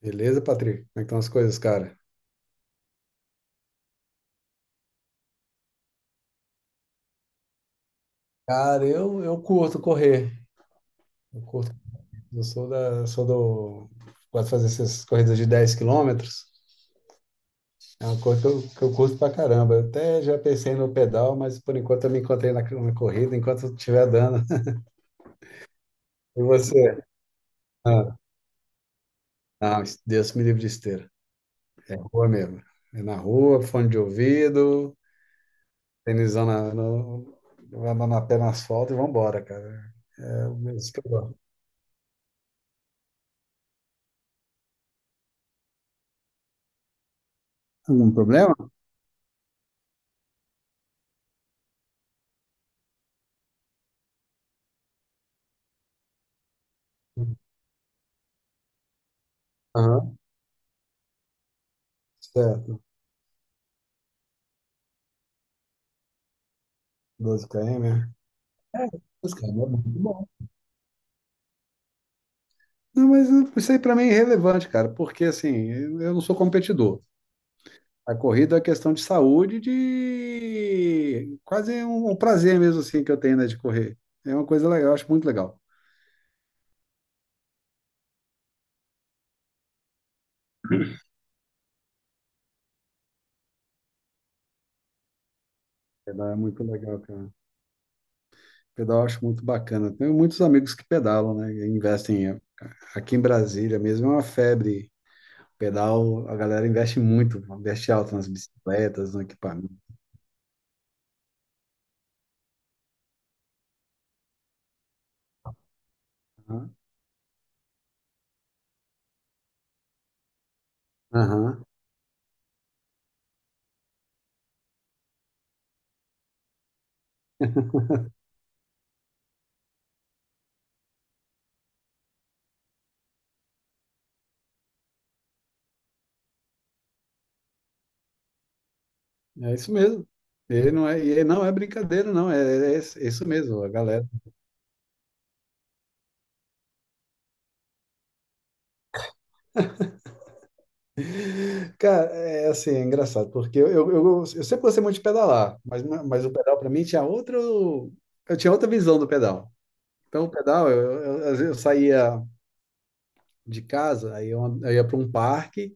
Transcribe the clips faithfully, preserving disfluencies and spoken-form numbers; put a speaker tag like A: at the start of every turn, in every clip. A: Beleza, Patrick? Como é que estão as coisas, cara? Cara, eu, eu curto correr. Eu curto. Eu sou da, sou do. Gosto de fazer essas corridas de dez quilômetros. É uma coisa que eu, que eu curto pra caramba. Eu até já pensei no pedal, mas por enquanto eu me encontrei na, na corrida, enquanto eu estiver dando. E você? Ah, não, Deus me livre de esteira. É rua mesmo. É na rua, fone de ouvido, tênisão na, no, andando na pé no asfalto e vambora, cara. É o mesmo que eu gosto. Algum problema? Aham. Certo, doze km. É. Mas, cara, é muito bom. Não, mas isso aí para mim é irrelevante, cara, porque assim, eu não sou competidor. A corrida é questão de saúde, de quase um, um prazer mesmo assim que eu tenho, né, de correr. É uma coisa legal, eu acho muito legal. Pedal é muito legal, cara. Pedal eu acho muito bacana. Tenho muitos amigos que pedalam, né, e investem aqui em Brasília mesmo, é uma febre. Pedal, a galera investe muito, investe alto nas bicicletas, no equipamento. Aham. É isso mesmo. E não é, e não é brincadeira, não. É, é isso mesmo, a galera. Cara, é assim, é engraçado, porque eu, eu, eu, eu sempre gostei muito de pedalar, mas, mas o pedal para mim tinha outro. Eu tinha outra visão do pedal. Então, o pedal, eu, eu, às vezes eu saía de casa, aí eu, eu ia para um parque,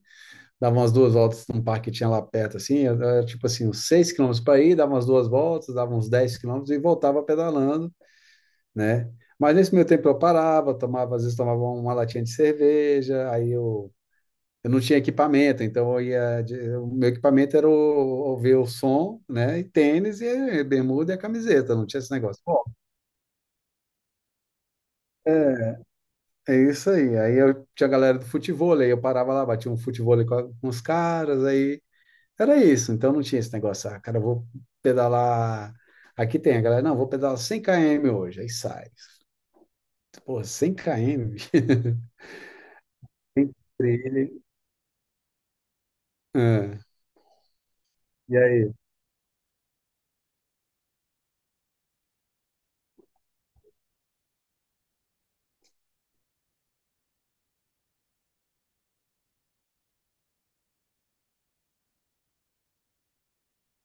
A: dava umas duas voltas num parque que tinha lá perto, assim, era tipo assim, uns seis quilômetros para ir, dava umas duas voltas, dava uns dez quilômetros e voltava pedalando, né? Mas nesse meio tempo eu parava, tomava, às vezes tomava uma latinha de cerveja, aí eu, eu não tinha equipamento, então eu ia, de- o meu equipamento era o, ouvir o som, né? E tênis e bermuda e a camiseta, não tinha esse negócio. Bom, é isso aí. Aí eu tinha a galera do futebol, aí eu parava lá, batia um futebol com, a- com os caras, aí era isso. Então não tinha esse negócio, ah, cara, eu vou pedalar. Aqui tem a galera, não, vou pedalar cem quilômetros hoje, aí sai. Pô, cem quilômetros, bicho. Trilha. E aí?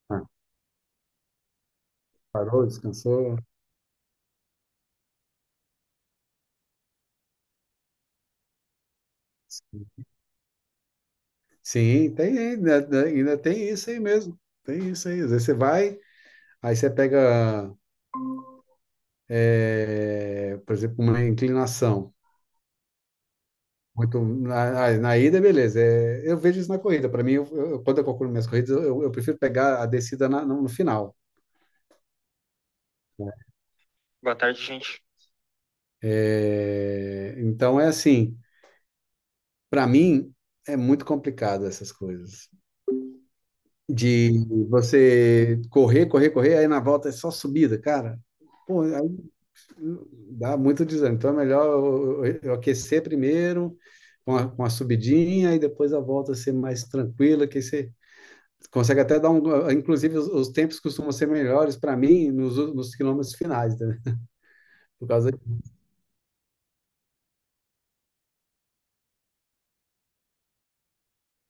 A: Ah, parou, descansou? Sim, sim, tem ainda, ainda tem isso aí mesmo. Tem isso aí. Às vezes você vai, aí você pega, é, por exemplo, uma inclinação. Muito, na, na na ida, beleza. É, eu vejo isso na corrida. Para mim, eu, eu- quando eu calculo minhas corridas, eu, eu prefiro pegar a descida na- no no final. Boa tarde, gente. É, então é assim, para mim é muito complicado essas coisas. De você correr, correr, correr, aí na volta é só subida, cara. Pô, aí dá muito desânimo. Então é melhor eu, eu- eu aquecer primeiro, com a, com a subidinha, e depois a volta ser mais tranquila, que aí você consegue até dar um. Inclusive, os, os tempos costumam ser melhores para mim nos, u- nos quilômetros finais, né? Por causa disso.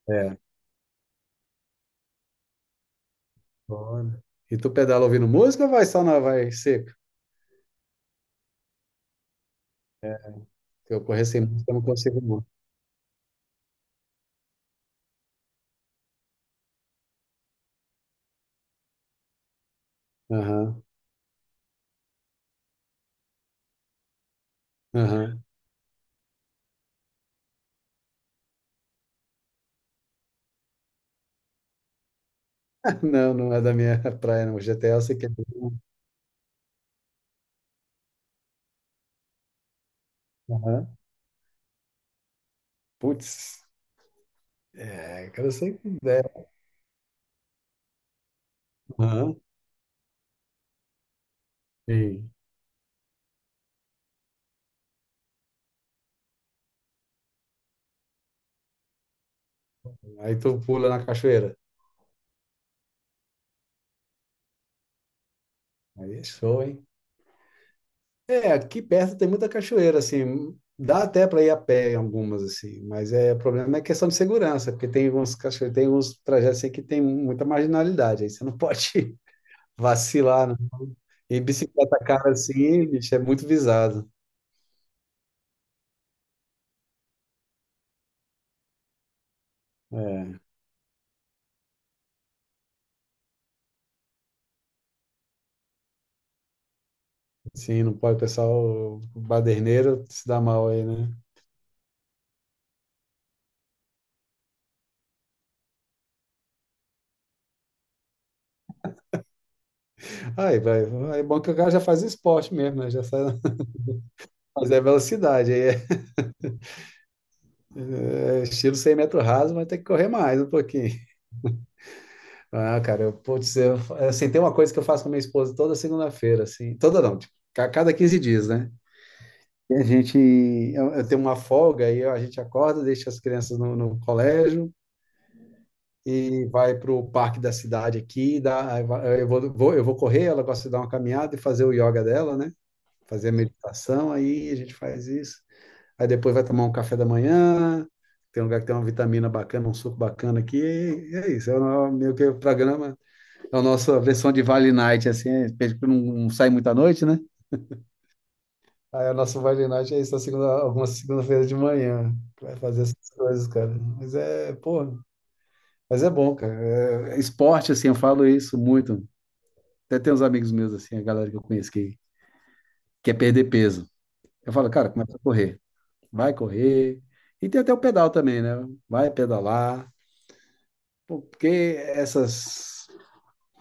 A: É, foda. E tu pedala ouvindo música ou vai só na vai seco? É. Se eu correr sem música, eu não consigo, não. Aham, aham. Não, não é da minha praia, não. O G T A eu sei que é. Aham. Putz, é, cara, eu sei que é. Aham, sim. Aí tu pula na cachoeira. Aí é show, hein? É, aqui perto tem muita cachoeira, assim. Dá até para ir a pé em algumas, assim. Mas é, o problema é questão de segurança, porque tem uns cachoeiros, tem uns trajetos assim, que tem muita marginalidade. Aí você não pode vacilar, não. E bicicleta cara assim, bicho, é muito visado. É. Sim, não pode, o pessoal baderneiro se dá mal aí, né? Aí, vai, aí é bom que o cara já faz esporte mesmo, né? Já sai, na- mas é velocidade, aí é, é estilo cem metros raso, vai ter que correr mais um pouquinho. Ah, cara, eu, putz, eu, assim, tem uma coisa que eu faço com a minha esposa toda segunda-feira, assim, toda não, tipo, a cada quinze dias, né? E a gente, eu, eu tenho uma folga, aí a gente acorda, deixa as crianças no, no colégio, e vai para o parque da cidade aqui, dá, aí vai- eu vou, vou- eu vou correr, ela gosta de dar uma caminhada e fazer o yoga dela, né? Fazer a meditação, aí a gente faz isso. Aí depois vai tomar um café da manhã, tem um lugar que tem uma vitamina bacana, um suco bacana aqui, e é isso, é o no- meio que o programa, é a nossa versão de Vale Night, assim, é, porque não, não sai muita noite, né? Aí a nossa Vale Night é isso, na segunda, alguma segunda-feira de manhã, que vai fazer essas coisas, cara. Mas é, pô, mas é bom, cara. É- esporte, assim, eu falo isso muito. Até tem uns amigos meus, assim, a galera que eu conheço que quer perder peso. Eu falo, cara, começa a correr. Vai correr. E tem até o pedal também, né? Vai pedalar. Pô, porque essas,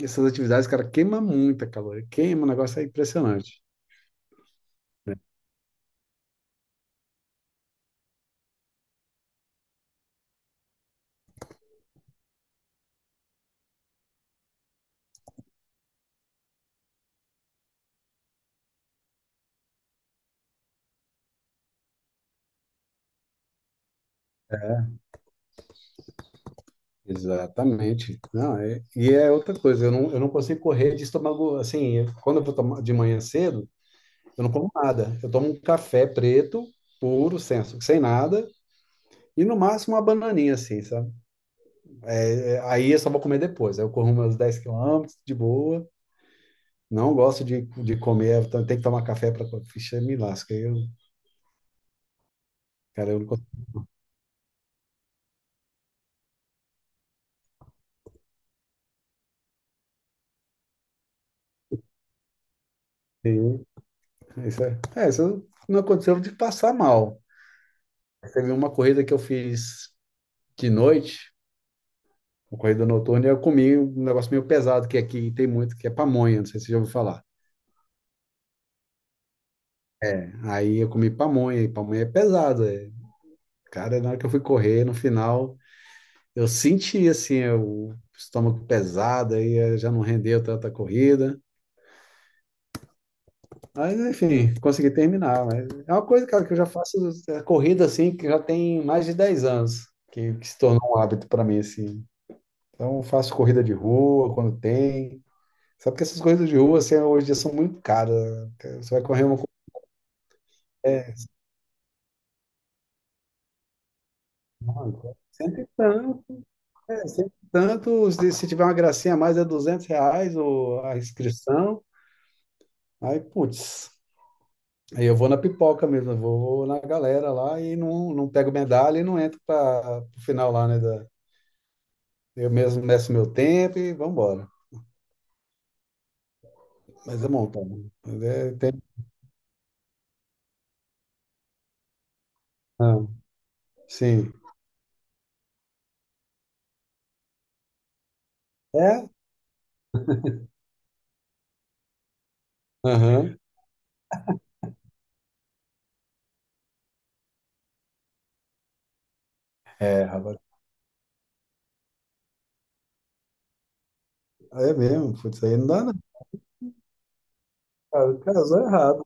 A: essas atividades, cara, queima muita caloria. Queima, o negócio é impressionante. Exatamente. Não, é- e é outra coisa, eu não, eu não consigo correr de estômago, assim, eu- quando eu vou tomar de manhã cedo, eu não como nada. Eu tomo um café preto, puro, sem, sem nada, e no máximo uma bananinha, assim, sabe? É, é, aí eu só vou comer depois. Aí eu corro meus dez quilômetros de boa. Não gosto de, de comer, então tem que tomar café para. Ficha, me lasca. Aí eu, cara, eu não consigo. Isso é, é, isso não aconteceu de passar mal. Teve uma corrida que eu fiz de noite, uma corrida noturna, e eu comi um negócio meio pesado, que aqui tem muito, que é pamonha, não sei se você já ouviu falar. É, aí eu comi pamonha, e pamonha é pesada, é. Cara, na hora que eu fui correr, no final, eu senti assim eh, o estômago pesado, aí eh, já não rendeu tanta corrida. Mas enfim, consegui terminar. Mas é uma coisa, cara, que eu já faço eh, corrida assim, que já tem mais de dez anos, que, que se tornou um hábito para mim assim. Então eu faço corrida de rua quando tem. Só porque essas corridas de rua assim, hoje em dia são muito caras, né? Você vai correr uma mano, então, é, sempre tanto, se se tiver uma gracinha a mais é duzentos reais o, a inscrição, aí putz, aí eu vou na pipoca mesmo, eu vou na galera lá e não, não pego medalha e não entro para o final lá, né? Da- eu mesmo meço meu tempo e vamos embora. Mas é montão. Mas é tem não. Sim. É? Aham. É, rapaz. É mesmo. Putz, aí não dá, não. Cara, casou errado.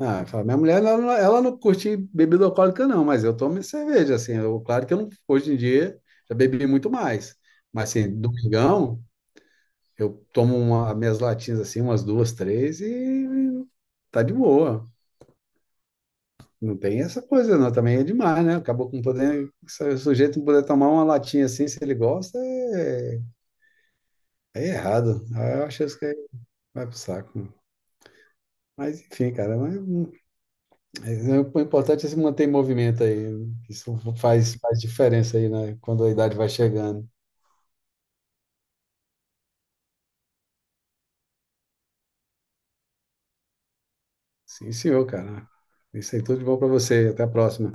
A: Ah, fala, minha mulher, ela, não- ela não curte bebida alcoólica, não, mas eu tomo cerveja, assim. Eu, claro que eu não, hoje em dia já bebi muito mais. Mas, assim, domingão, eu tomo uma, minhas latinhas, assim, umas duas, três e tá de boa. Não tem essa coisa, não. Também é demais, né? Acabou com poder. Se o sujeito não puder tomar uma latinha assim, se ele gosta, é, é errado. Aí eu acho isso que aí vai pro saco. Mas enfim, cara, mas, mas é- o importante é se manter em movimento aí. Isso faz, faz diferença aí, né? Quando a idade vai chegando. Sim, senhor, cara. Isso aí, tudo de bom pra você. Até a próxima.